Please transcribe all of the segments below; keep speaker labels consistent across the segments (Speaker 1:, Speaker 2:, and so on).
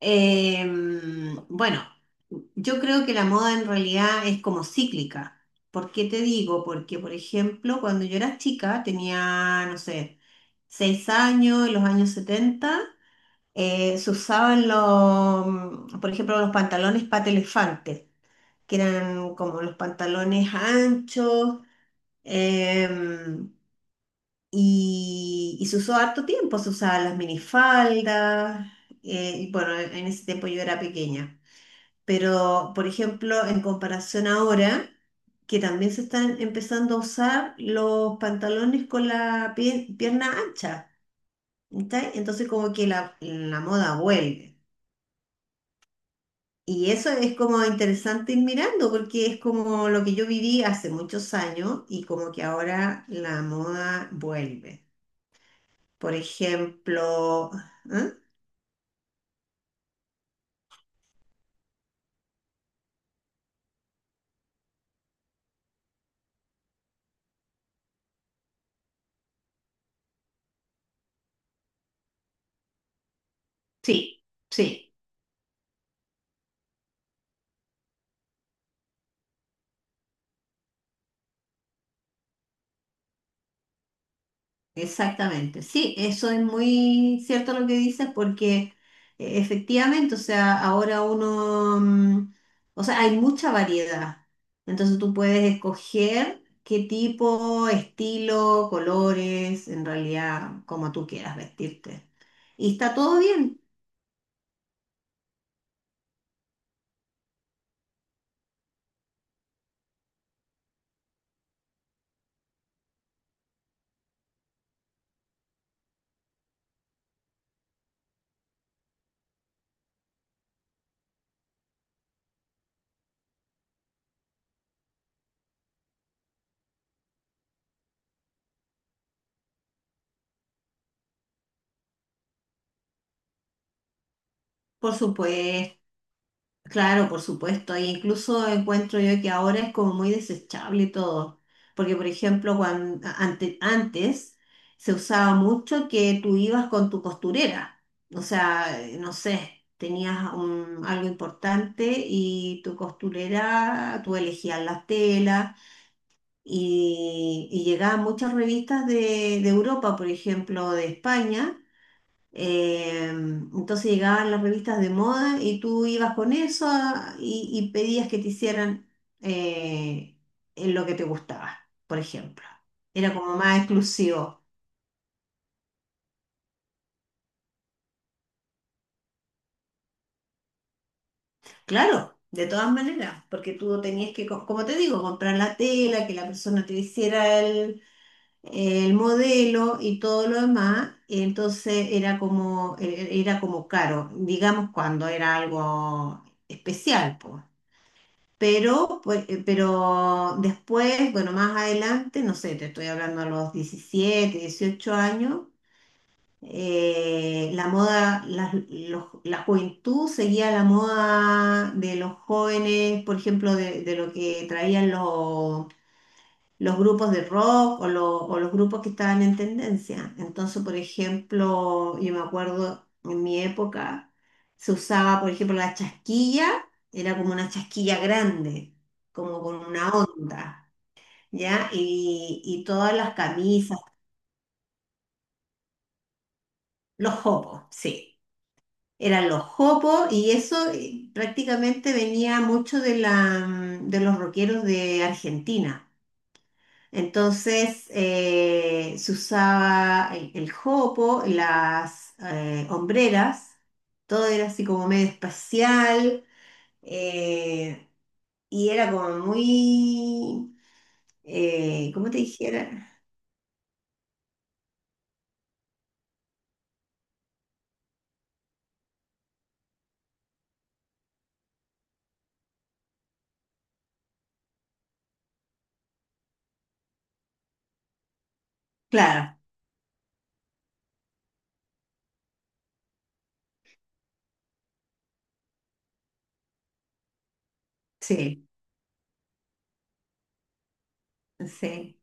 Speaker 1: Eh, bueno, yo creo que la moda en realidad es como cíclica. ¿Por qué te digo? Porque, por ejemplo, cuando yo era chica, tenía, no sé, 6 años, en los años 70 se usaban por ejemplo, los pantalones pata elefante, que eran como los pantalones anchos, em, y se usó harto tiempo, se usaban las minifaldas, y bueno, en ese tiempo yo era pequeña. Pero, por ejemplo, en comparación ahora, que también se están empezando a usar los pantalones con la pierna ancha, ¿cachai? Entonces como que la moda vuelve. Y eso es como interesante ir mirando, porque es como lo que yo viví hace muchos años y como que ahora la moda vuelve. Por ejemplo, ¿eh? Sí, sí. Exactamente, sí, eso es muy cierto lo que dices porque efectivamente, o sea, o sea, hay mucha variedad, entonces tú puedes escoger qué tipo, estilo, colores, en realidad, como tú quieras vestirte. Y está todo bien, por supuesto. Claro, por supuesto, e incluso encuentro yo que ahora es como muy desechable todo, porque por ejemplo, antes se usaba mucho que tú ibas con tu costurera, o sea, no sé, tenías algo importante y tu costurera, tú elegías las telas y llegaban muchas revistas de Europa, por ejemplo, de España entonces llegaban las revistas de moda y tú ibas con eso y pedías que te hicieran eh, en lo que te gustaba, por ejemplo. Era como más exclusivo. Claro, de todas maneras, porque tú tenías como te digo, comprar la tela, que la persona te hiciera el modelo y todo lo demás. Entonces era como era como caro, digamos cuando era algo especial, pues. Pero después, bueno, más adelante, no sé, te estoy hablando a los 17-18 años, la juventud seguía la moda de los jóvenes, por ejemplo, de lo que traían los grupos de rock o los grupos que estaban en tendencia. Entonces, por ejemplo, yo me acuerdo en mi época se usaba, por ejemplo, la chasquilla, era como una chasquilla grande, como con una onda, ¿ya? Y todas las camisas, los jopos, sí. Eran los jopos y eso prácticamente venía mucho de los rockeros de Argentina. Entonces se usaba el jopo, las hombreras, todo era así como medio espacial, eh, y era como muy, ¿cómo te dijera? Claro, sí, sí,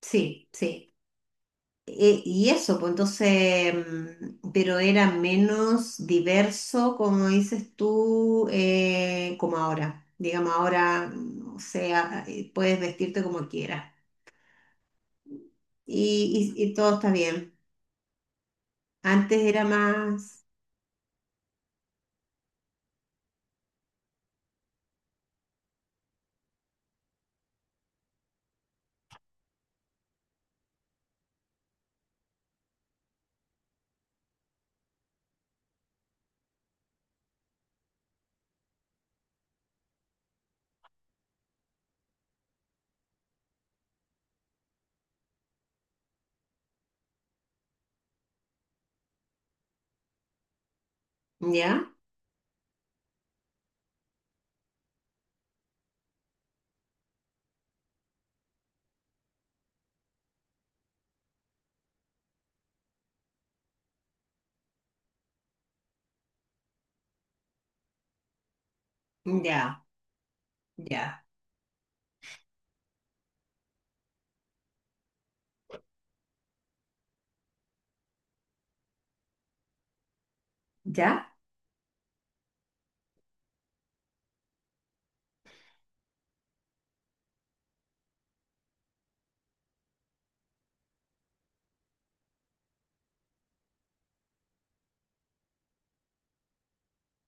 Speaker 1: sí, sí. Y eso, pues entonces, mm, pero era menos diverso, como dices tú, como ahora. Digamos, ahora, o sea, puedes vestirte como quieras. Y todo está bien. Antes era más, ¿ya? Ya, ya, ya.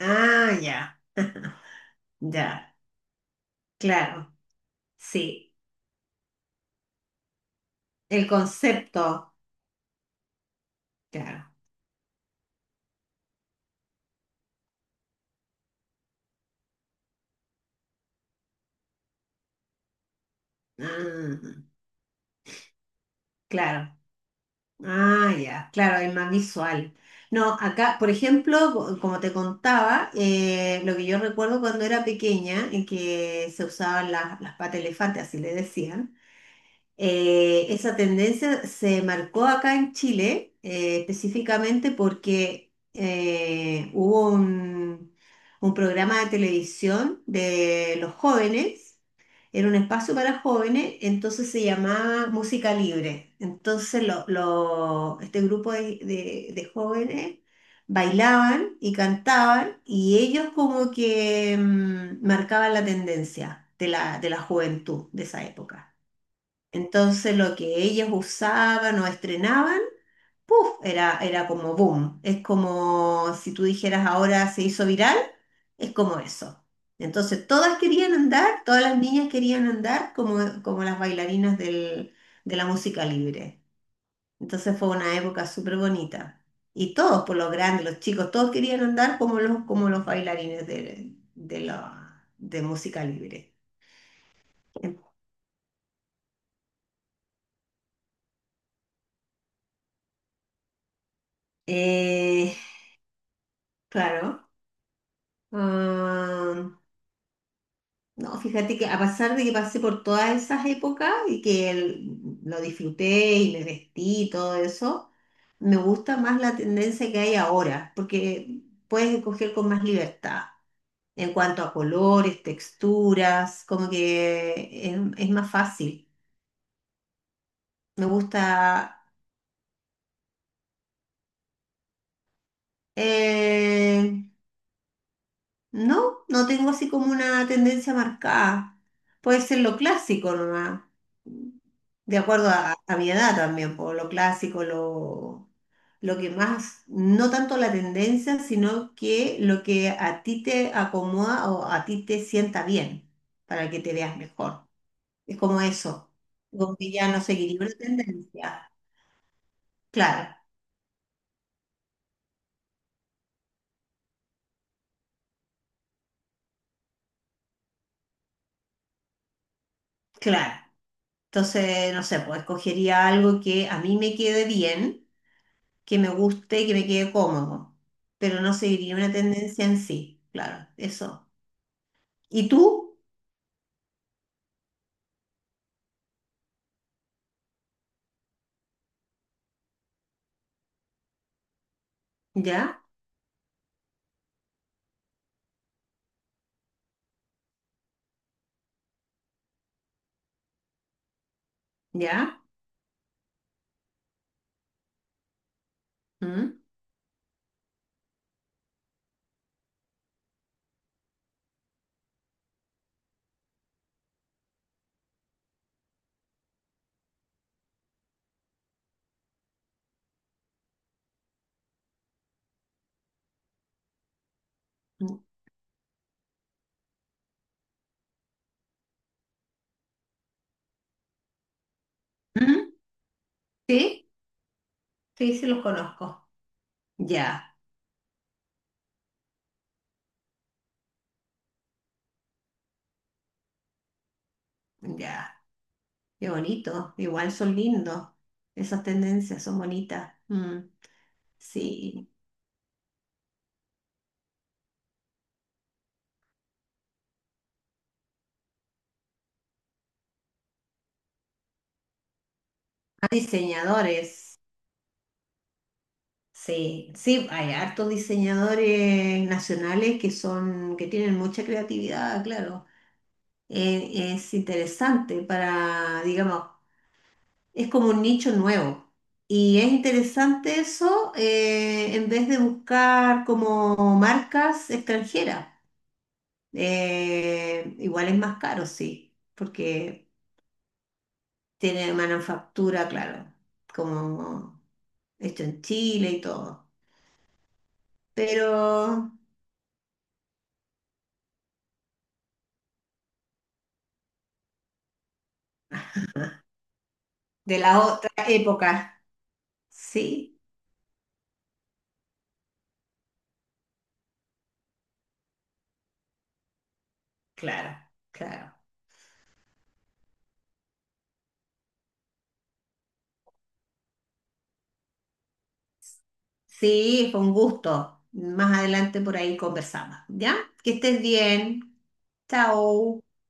Speaker 1: Ah, ya, ya, claro, sí. El concepto, claro. Ah, claro. Ah, ya, claro, es más visual. No, acá, por ejemplo, como te contaba, lo que yo recuerdo cuando era pequeña, en que se usaban las patas de elefante, así le decían. Esa tendencia se marcó acá en Chile, específicamente porque hubo un programa de televisión de los jóvenes, era un espacio para jóvenes, entonces se llamaba Música Libre. Entonces este grupo de jóvenes bailaban y cantaban y ellos como que marcaban la tendencia de de la juventud de esa época. Entonces lo que ellos usaban o estrenaban, ¡puf! Era, era como boom. Es como si tú dijeras ahora se hizo viral, es como eso. Entonces todas querían andar, todas las niñas querían andar como, como las bailarinas de la música libre. Entonces fue una época súper bonita. Y todos, por los grandes, los chicos, todos querían andar como los bailarines de música libre. Eh, claro. Ah, no, fíjate que a pesar de que pasé por todas esas épocas y que lo disfruté y me vestí y todo eso, me gusta más la tendencia que hay ahora, porque puedes escoger con más libertad en cuanto a colores, texturas, como que es más fácil. Me gusta, eh, no, no tengo así como una tendencia marcada. Puede ser lo clásico nomás, de acuerdo a mi edad también, por lo clásico, lo que más, no tanto la tendencia, sino que lo que a ti te acomoda o a ti te sienta bien, para que te veas mejor. Es como eso, como que ya no seguiría una tendencia. Claro, claro. Entonces, no sé, pues escogería algo que a mí me quede bien, que me guste, que me quede cómodo, pero no seguiría una tendencia en sí, claro, eso. ¿Y tú? ¿Ya? ¿Ya? ¿Mm? ¿Mm? ¿Sí? Sí, sí los conozco. Ya, ya. Qué bonito. Igual son lindos. Esas tendencias son bonitas. Mm, sí. Hay diseñadores. Sí, sí, hay hartos diseñadores nacionales que son, que tienen mucha creatividad, claro, es interesante para, digamos, es como un nicho nuevo. Y es interesante eso, en vez de buscar como marcas extranjeras. Igual es más caro, sí, porque tiene manufactura, claro, como hecho en Chile y todo. Pero de la otra época, sí, claro, claro. Sí, fue un gusto. Más adelante por ahí conversamos, ¿ya? Que estés bien. Chao.